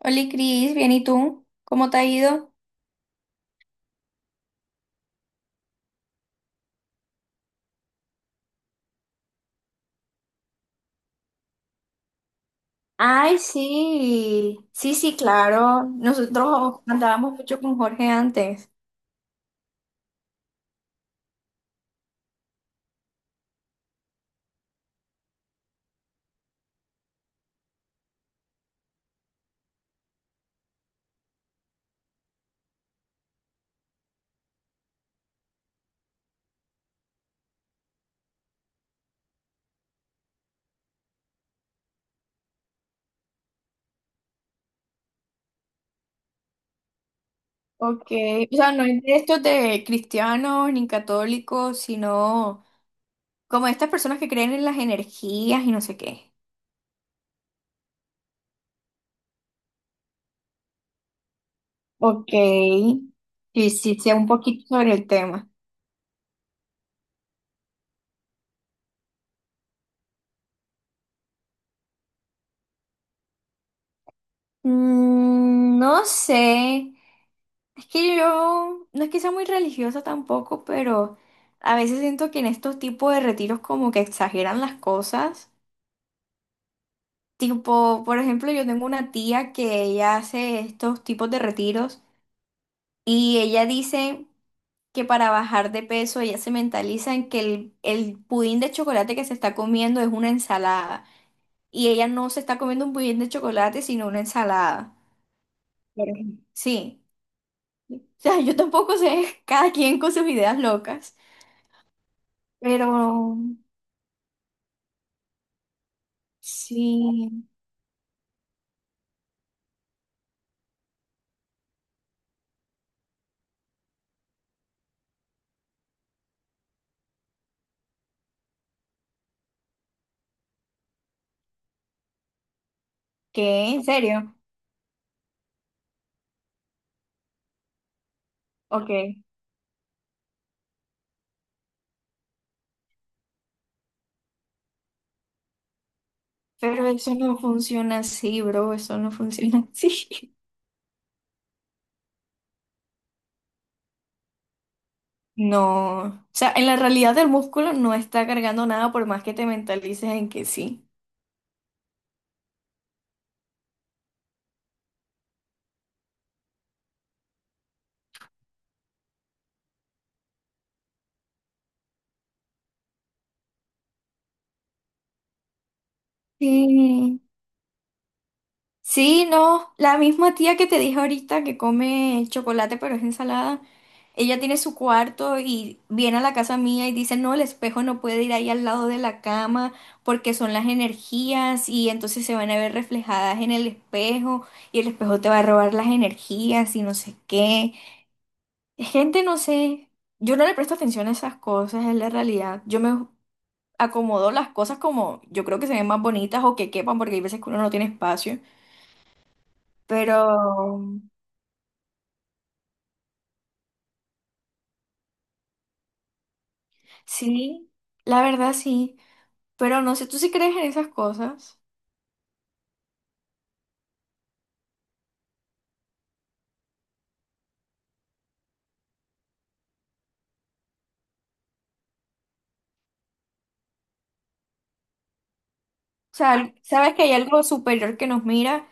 Hola Cris, bien, ¿y tú? ¿Cómo te ha ido? Ay, sí, sí, sí, claro. Nosotros andábamos mucho con Jorge antes. Ok, o sea, no es de estos de cristianos ni católicos, sino como estas personas que creen en las energías y no sé qué. Ok. Sí, sí, sé un poquito sobre el tema. No sé. Es que yo no es que sea muy religiosa tampoco, pero a veces siento que en estos tipos de retiros como que exageran las cosas. Tipo, por ejemplo, yo tengo una tía que ella hace estos tipos de retiros y ella dice que para bajar de peso ella se mentaliza en que el pudín de chocolate que se está comiendo es una ensalada y ella no se está comiendo un pudín de chocolate sino una ensalada. Por ejemplo. Sí. O sea, yo tampoco sé, cada quien con sus ideas locas. Pero sí, ¿qué? ¿En serio? Ok, pero eso no funciona así, bro, eso no funciona así. No, o sea, en la realidad el músculo no está cargando nada por más que te mentalices en que sí. Sí. Sí, no, la misma tía que te dije ahorita que come chocolate pero es ensalada, ella tiene su cuarto y viene a la casa mía y dice, no, el espejo no puede ir ahí al lado de la cama porque son las energías y entonces se van a ver reflejadas en el espejo y el espejo te va a robar las energías y no sé qué. Gente, no sé, yo no le presto atención a esas cosas, es la realidad. Yo me acomodo las cosas como yo creo que se ven más bonitas o que quepan porque hay veces que uno no tiene espacio. Pero sí, la verdad sí, pero no sé, ¿tú sí crees en esas cosas? O sea, al- sabes que hay algo superior que nos mira,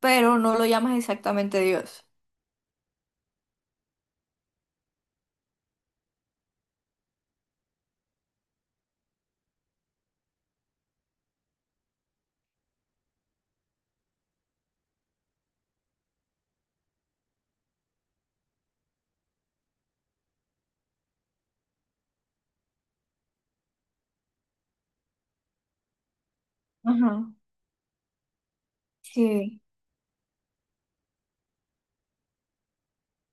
pero no lo llamas exactamente Dios. Ajá. Sí,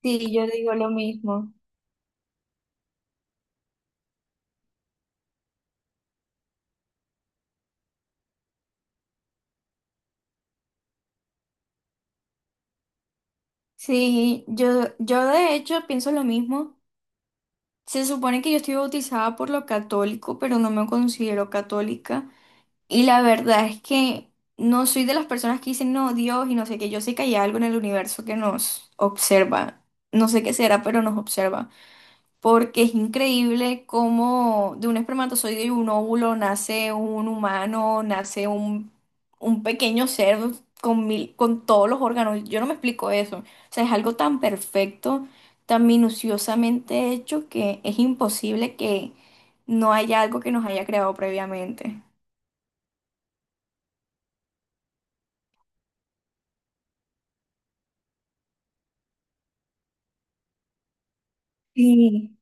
sí, yo digo lo mismo. Sí, yo de hecho pienso lo mismo. Se supone que yo estoy bautizada por lo católico, pero no me considero católica. Y la verdad es que no soy de las personas que dicen, no, Dios y no sé qué. Yo sé que hay algo en el universo que nos observa. No sé qué será, pero nos observa. Porque es increíble cómo de un espermatozoide y un óvulo nace un humano, nace un pequeño ser con mil- con todos los órganos. Yo no me explico eso. O sea, es algo tan perfecto, tan minuciosamente hecho que es imposible que no haya algo que nos haya creado previamente. Sí,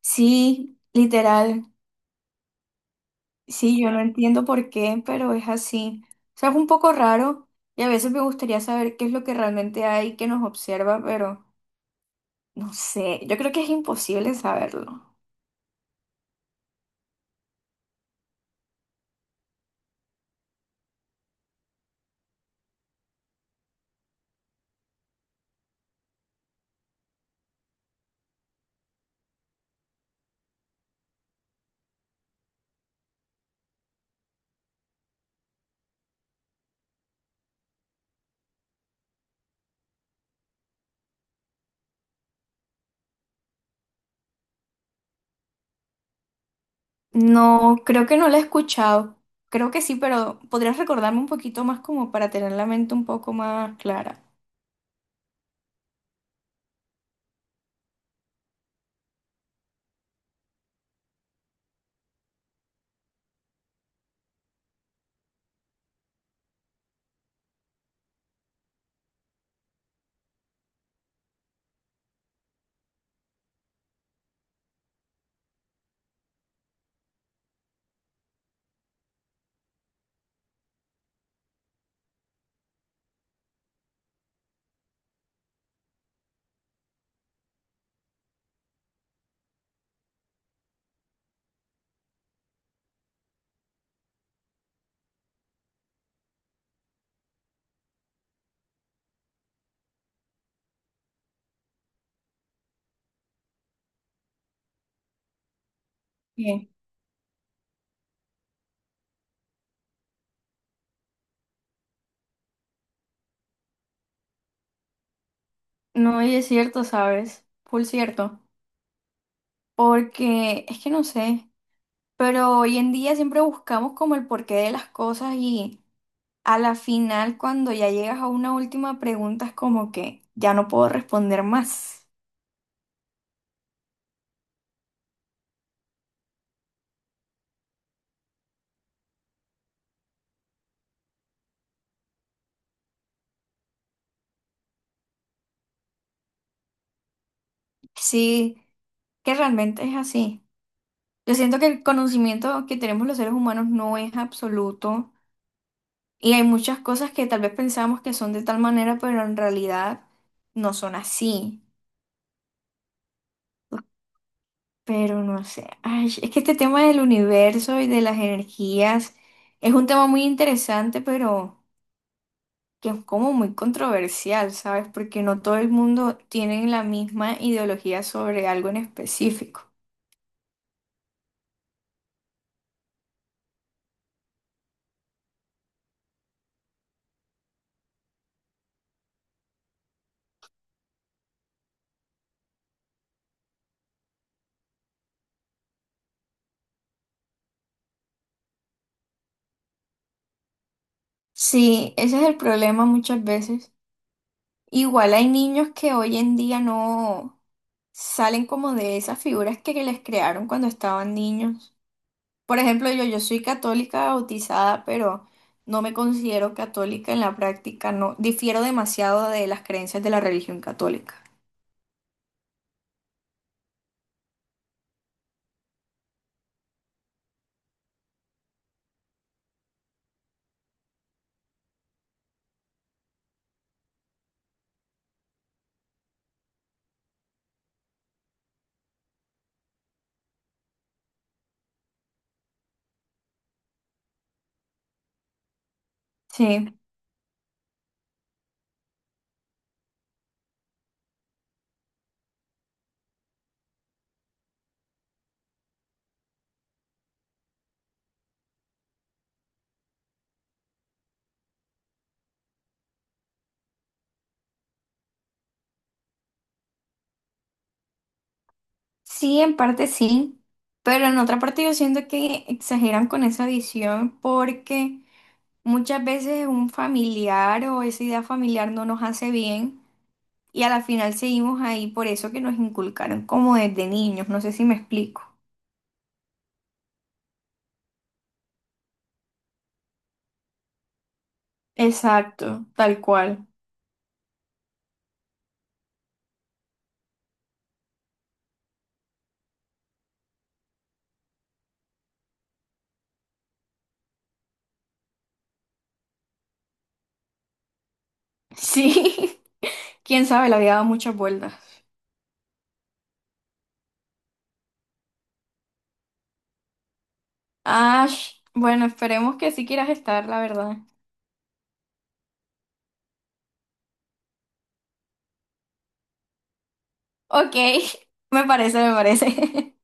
sí, literal. Sí, yo no entiendo por qué, pero es así. O sea, es un poco raro y a veces me gustaría saber qué es lo que realmente hay que nos observa, pero no sé, yo creo que es imposible saberlo. No, creo que no la he escuchado. Creo que sí, pero podrías recordarme un poquito más como para tener la mente un poco más clara. Bien. No, y es cierto, ¿sabes? Full cierto. Porque es que no sé, pero hoy en día siempre buscamos como el porqué de las cosas y… A la final, cuando ya llegas a una última pregunta, es como que ya no puedo responder más. Sí, que realmente es así. Yo siento que el conocimiento que tenemos los seres humanos no es absoluto y hay muchas cosas que tal vez pensamos que son de tal manera, pero en realidad no son así. Pero no sé, ay, es que este tema del universo y de las energías es un tema muy interesante, pero… que es como muy controversial, ¿sabes? Porque no todo el mundo tiene la misma ideología sobre algo en específico. Sí, ese es el problema muchas veces. Igual hay niños que hoy en día no salen como de esas figuras que les crearon cuando estaban niños. Por ejemplo, yo soy católica bautizada, pero no me considero católica en la práctica, no difiero demasiado de las creencias de la religión católica. Sí. Sí, en parte sí, pero en otra parte yo siento que exageran con esa edición porque muchas veces un familiar o esa idea familiar no nos hace bien y a la final seguimos ahí por eso que nos inculcaron como desde niños, no sé si me explico. Exacto, tal cual. Sí, quién sabe, la había dado muchas vueltas. Ash, bueno, esperemos que sí quieras estar, la verdad. Ok, me parece, me parece.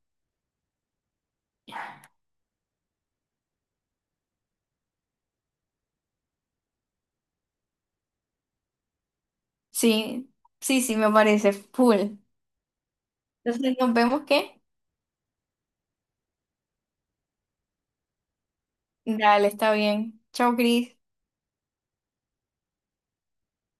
Sí, sí, sí, me parece full. Entonces nos vemos, ¿qué? Dale, está bien. Chao, Cris.